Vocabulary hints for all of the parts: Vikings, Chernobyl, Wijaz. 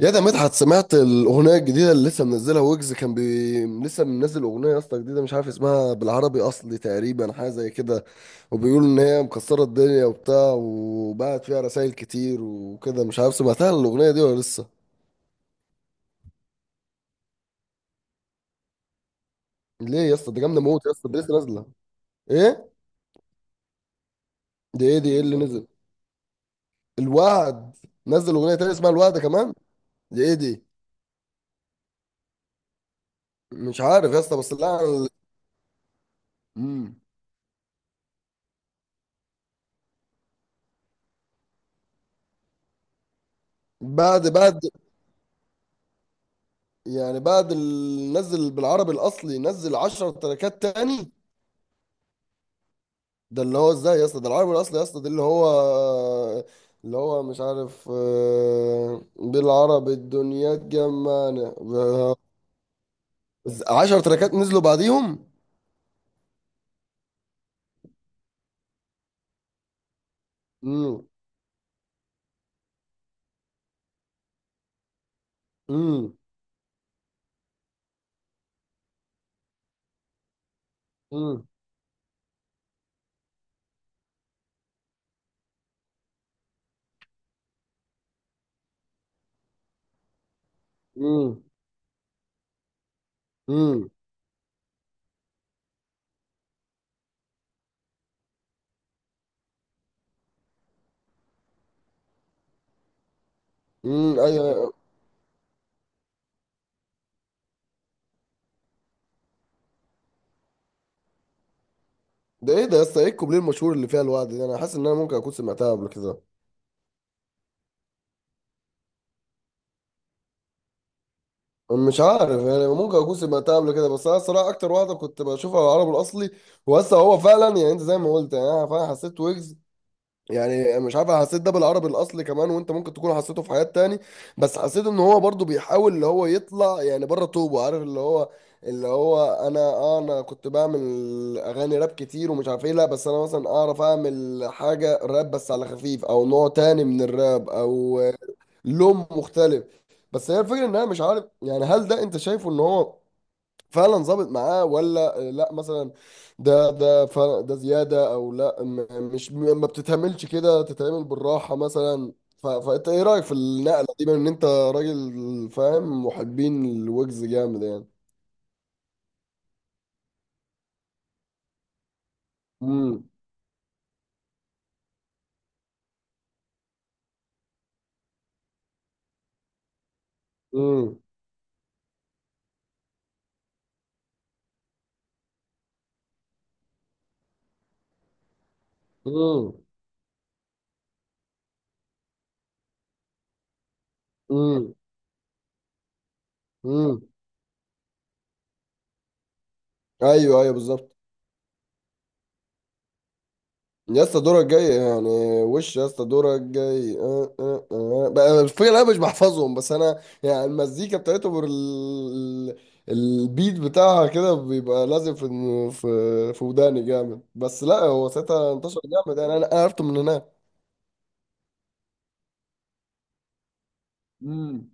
يا ده مدحت، سمعت الاغنيه الجديده اللي لسه منزلها ويجز؟ لسه منزل اغنيه يا اسطى جديده، مش عارف اسمها. بالعربي اصلي تقريبا حاجه زي كده، وبيقولوا ان هي مكسره الدنيا وبتاع، وبعت فيها رسائل كتير وكده. مش عارف سمعتها الاغنيه دي ولا لسه. ليه يا اسطى؟ دي جامده موت يا اسطى، دي لسه نازله. ايه؟ دي ايه اللي نزل؟ الوعد؟ نزل اغنيه تانية اسمها الوعد كمان؟ دي ايه دي؟ مش عارف يا اسطى، بس لا مم. بعد يعني نزل بالعربي الاصلي نزل 10 تراكات تاني؟ ده اللي هو ازاي يا اسطى؟ ده العربي الاصلي يا اسطى، ده اللي هو مش عارف، بالعربي الدنيا تجمعنا. 10 تراكات نزلوا بعديهم؟ امم. امم. امم. امم. امم. ايوه. ده ايه ده يا اسطى؟ ايه الكوبليه المشهور اللي فيها الوعد ده؟ انا حاسس ان انا ممكن اكون سمعتها قبل كده. مش عارف يعني، ممكن اكون سمعتها قبل كده، بس انا الصراحه اكتر واحده كنت بشوفها على العرب الاصلي. وهسه هو فعلا يعني انت زي ما قلت، يعني انا فعلا حسيت ويجز، يعني مش عارف، أنا حسيت ده بالعربي الاصلي كمان، وانت ممكن تكون حسيته في حاجات تاني. بس حسيت ان هو برضو بيحاول اللي هو يطلع يعني بره طوبه، عارف اللي هو اللي هو انا انا كنت بعمل اغاني راب كتير ومش عارف ايه. لا بس انا مثلا اعرف اعمل حاجه راب بس على خفيف، او نوع تاني من الراب، او لون مختلف. بس هي الفكره ان انا مش عارف يعني، هل ده انت شايفه ان هو فعلا ظابط معاه ولا لا مثلا؟ ده فعلا، ده زياده او لا، مش ما بتتعملش كده، تتعمل بالراحه مثلا، فانت ايه رايك في النقله دي، بما ان انت راجل فاهم محبين الويجز جامد يعني. امم. امم. امم. امم. ايوه ايوه، بالظبط. يا اسطى دورك جاي يعني. وش يا اسطى دورك جاي. أه أه أه. بقى الفكرة انا مش بحفظهم، بس انا يعني المزيكا بتاعتهم البيت بتاعها كده بيبقى لازم في. في وداني جامد. بس لا هو ساعتها انتشر جامد يعني، انا عرفته من هناك. امم.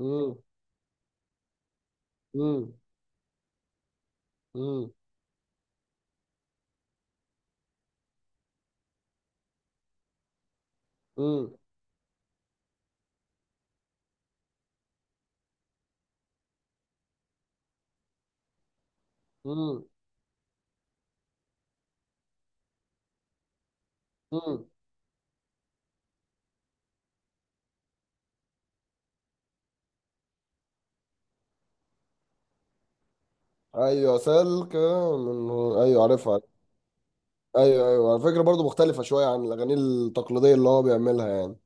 مم. مم. مم. مم. مم. مم. ايوه، ايوه عارفها. ايوه ايوه، على فكره برضو مختلفه شويه عن الاغاني التقليديه اللي هو بيعملها يعني.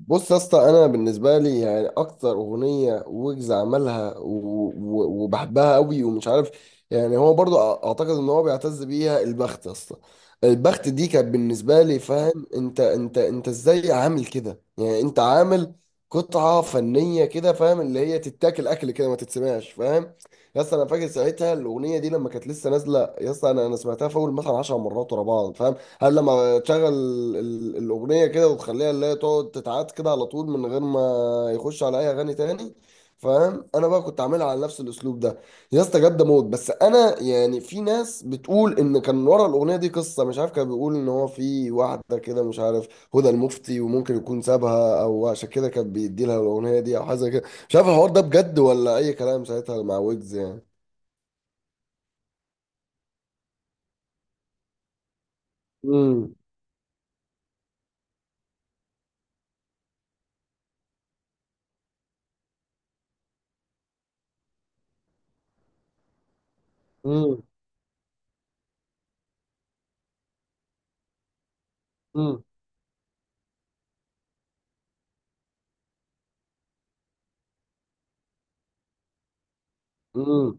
بص يا اسطى، انا بالنسبه لي يعني اكتر اغنيه ويجز عملها و- و- وبحبها قوي ومش عارف، يعني هو برضو اعتقد ان هو بيعتز بيها، البخت يا اسطى. البخت دي كانت بالنسبه لي، فاهم؟ انت ازاي عامل كده؟ يعني انت عامل قطعه فنيه كده، فاهم؟ اللي هي تتاكل اكل كده، ما تتسمعش، فاهم؟ يا اسطى انا فاكر ساعتها الاغنيه دي لما كانت لسه نازله، يا اسطى انا سمعتها في اول مثلا 10 مرات ورا بعض، فاهم؟ هل لما تشغل الأغنية كده وتخليها اللي هي تقعد تتعاد كده على طول من غير ما يخش على أي أغاني تاني، فاهم؟ أنا بقى كنت عاملها على نفس الأسلوب ده. يا اسطى جد موت. بس أنا يعني في ناس بتقول إن كان ورا الأغنية دي قصة، مش عارف، كان بيقول إن هو في واحدة كده مش عارف، هدى المفتي، وممكن يكون سابها أو عشان كده كان بيدي لها الأغنية دي أو حاجة زي كده. مش عارف الحوار ده بجد ولا أي كلام ساعتها مع ويجز يعني. امم. امم. امم.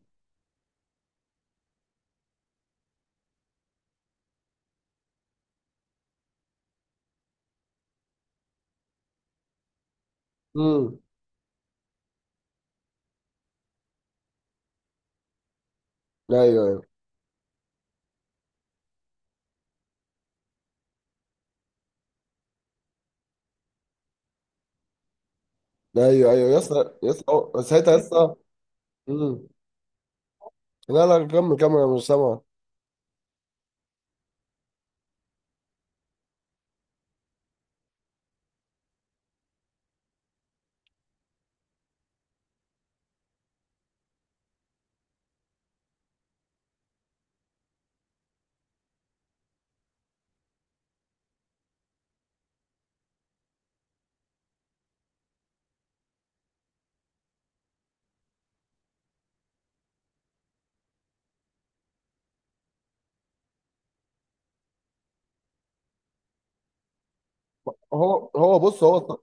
امم. ايوه. ايوه. ايوه ايوه، يا اسطى يا اسطى ساعتها يا اسطى. مم. لا لا، كمل كمل، انا مش سامع. هو هو بص هو،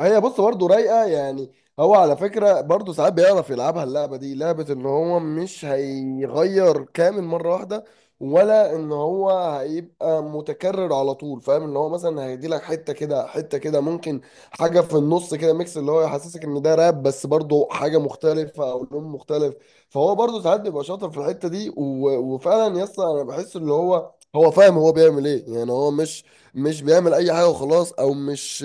هي بص، برضه رايقه يعني. هو على فكره برضه ساعات بيعرف يلعبها اللعبه دي، لعبه ان هو مش هيغير كامل مره واحده، ولا ان هو هيبقى متكرر على طول، فاهم؟ ان هو مثلا هيدي لك حته كده حته كده، ممكن حاجه في النص كده ميكس اللي هو يحسسك ان ده راب بس برضه حاجه مختلفه، او لون مختلف. فهو برضه ساعات بيبقى شاطر في الحته دي وفعلا يا اسطى انا بحس اللي هو هو فاهم هو بيعمل ايه، يعني هو مش بيعمل اي حاجه وخلاص، او مش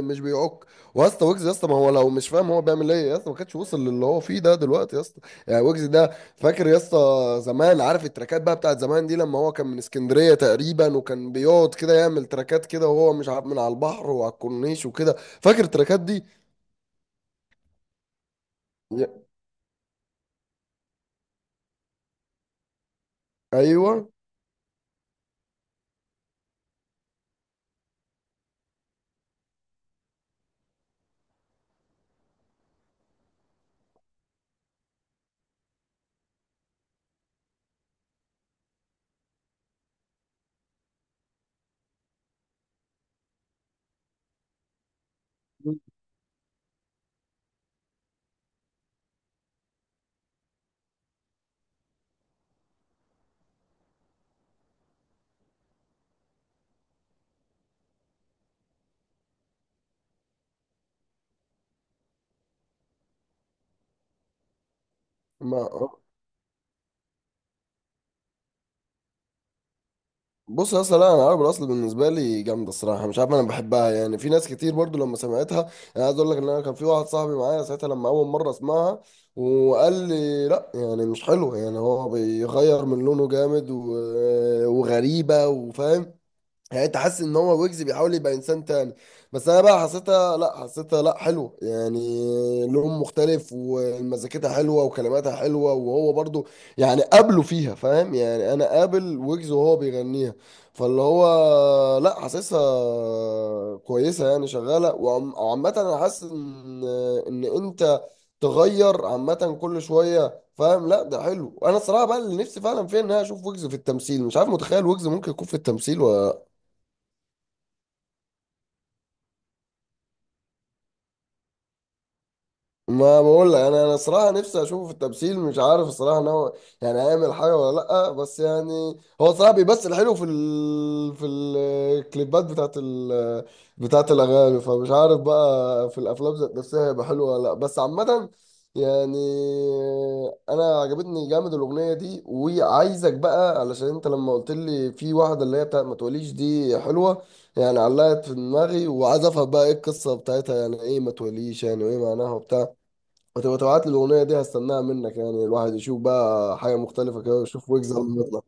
مش بيعك واسطى ويجز يا اسطى، ما هو لو مش فاهم هو بيعمل ايه يا اسطى، ما كانش وصل للي هو فيه ده دلوقتي يا اسطى. يعني ويجز ده فاكر يا اسطى زمان، عارف التراكات بقى بتاعت زمان دي، لما هو كان من اسكندريه تقريبا، وكان بيقعد كده يعمل تراكات كده وهو مش عارف من على البحر وعلى الكورنيش وكده، فاكر التراكات دي؟ يا- ايوه. ما بص يا اسطى، لا انا عربي الاصل بالنسبه لي جامده الصراحه، مش عارف انا بحبها يعني، في ناس كتير برضو لما سمعتها. انا عايز اقول لك ان انا كان في واحد صاحبي معايا ساعتها لما اول مره اسمعها، وقال لي لا، يعني مش حلوه، يعني هو بيغير من لونه جامد وغريبه، وفاهم يعني، انت حاسس ان هو ويجز بيحاول يبقى انسان تاني. بس انا بقى حسيتها لا، حسيتها لا حلو يعني، لون مختلف ومزيكتها حلوه وكلماتها حلوه، وهو برضو يعني قابله فيها، فاهم؟ يعني انا قابل ويجز وهو بيغنيها. فاللي هو لا، حاسسها كويسه يعني، شغاله وعامه انا حاسس ان ان انت تغير عامه كل شويه، فاهم؟ لا ده حلو. انا الصراحه بقى اللي نفسي فعلا فيها ان انا اشوف ويجز في التمثيل، مش عارف، متخيل ويجز ممكن يكون في التمثيل ولا؟ ما بقول لك، انا صراحه نفسي اشوفه في التمثيل، مش عارف الصراحه ان هو يعني هيعمل حاجه ولا لا. بس يعني هو صراحه بيمثل حلو في في الكليبات بتاعت بتاعت الاغاني، فمش عارف بقى في الافلام ذات نفسها هيبقى حلو ولا لا. بس عامه يعني، انا عجبتني جامد الاغنيه دي، وعايزك بقى علشان انت لما قلت لي في واحده اللي هي بتاعت ما تقوليش دي حلوه، يعني علقت في دماغي وعايز افهم بقى ايه القصه بتاعتها، يعني ايه ما توليش يعني وايه معناها وبتاع. وتبقى تبعت لي الاغنيه دي هستناها منك يعني. الواحد يشوف بقى حاجه مختلفه كده ويشوف ويجز لما يطلع.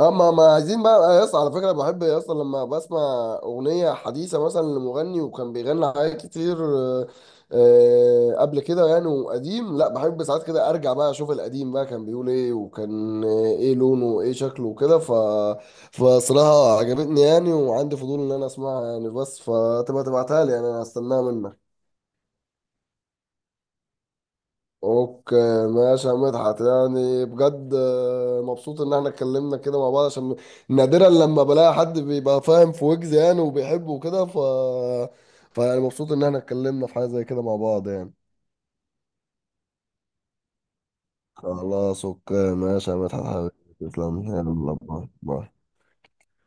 اما ما عايزين بقى يا اسطى، على فكره بحب يا اسطى لما بسمع اغنيه حديثه مثلا لمغني وكان بيغني حاجات كتير قبل كده يعني، وقديم لا، بحب ساعات كده ارجع بقى اشوف القديم بقى كان بيقول ايه وكان ايه لونه وايه شكله وكده، فصراحه عجبتني يعني، وعندي فضول ان انا اسمعها يعني. بس فتبقى تبعتها لي يعني، انا هستناها منك. اوكي ماشي يا مدحت، يعني بجد مبسوط ان احنا اتكلمنا كده مع بعض، عشان نادرا لما بلاقي حد بيبقى فاهم في ويجز يعني وبيحبه وكده، فيعني مبسوط ان احنا اتكلمنا في حاجة زي كده مع بعض يعني. خلاص اوكي ماشي يا مدحت حبيبي. تسلم، يلا باي باي.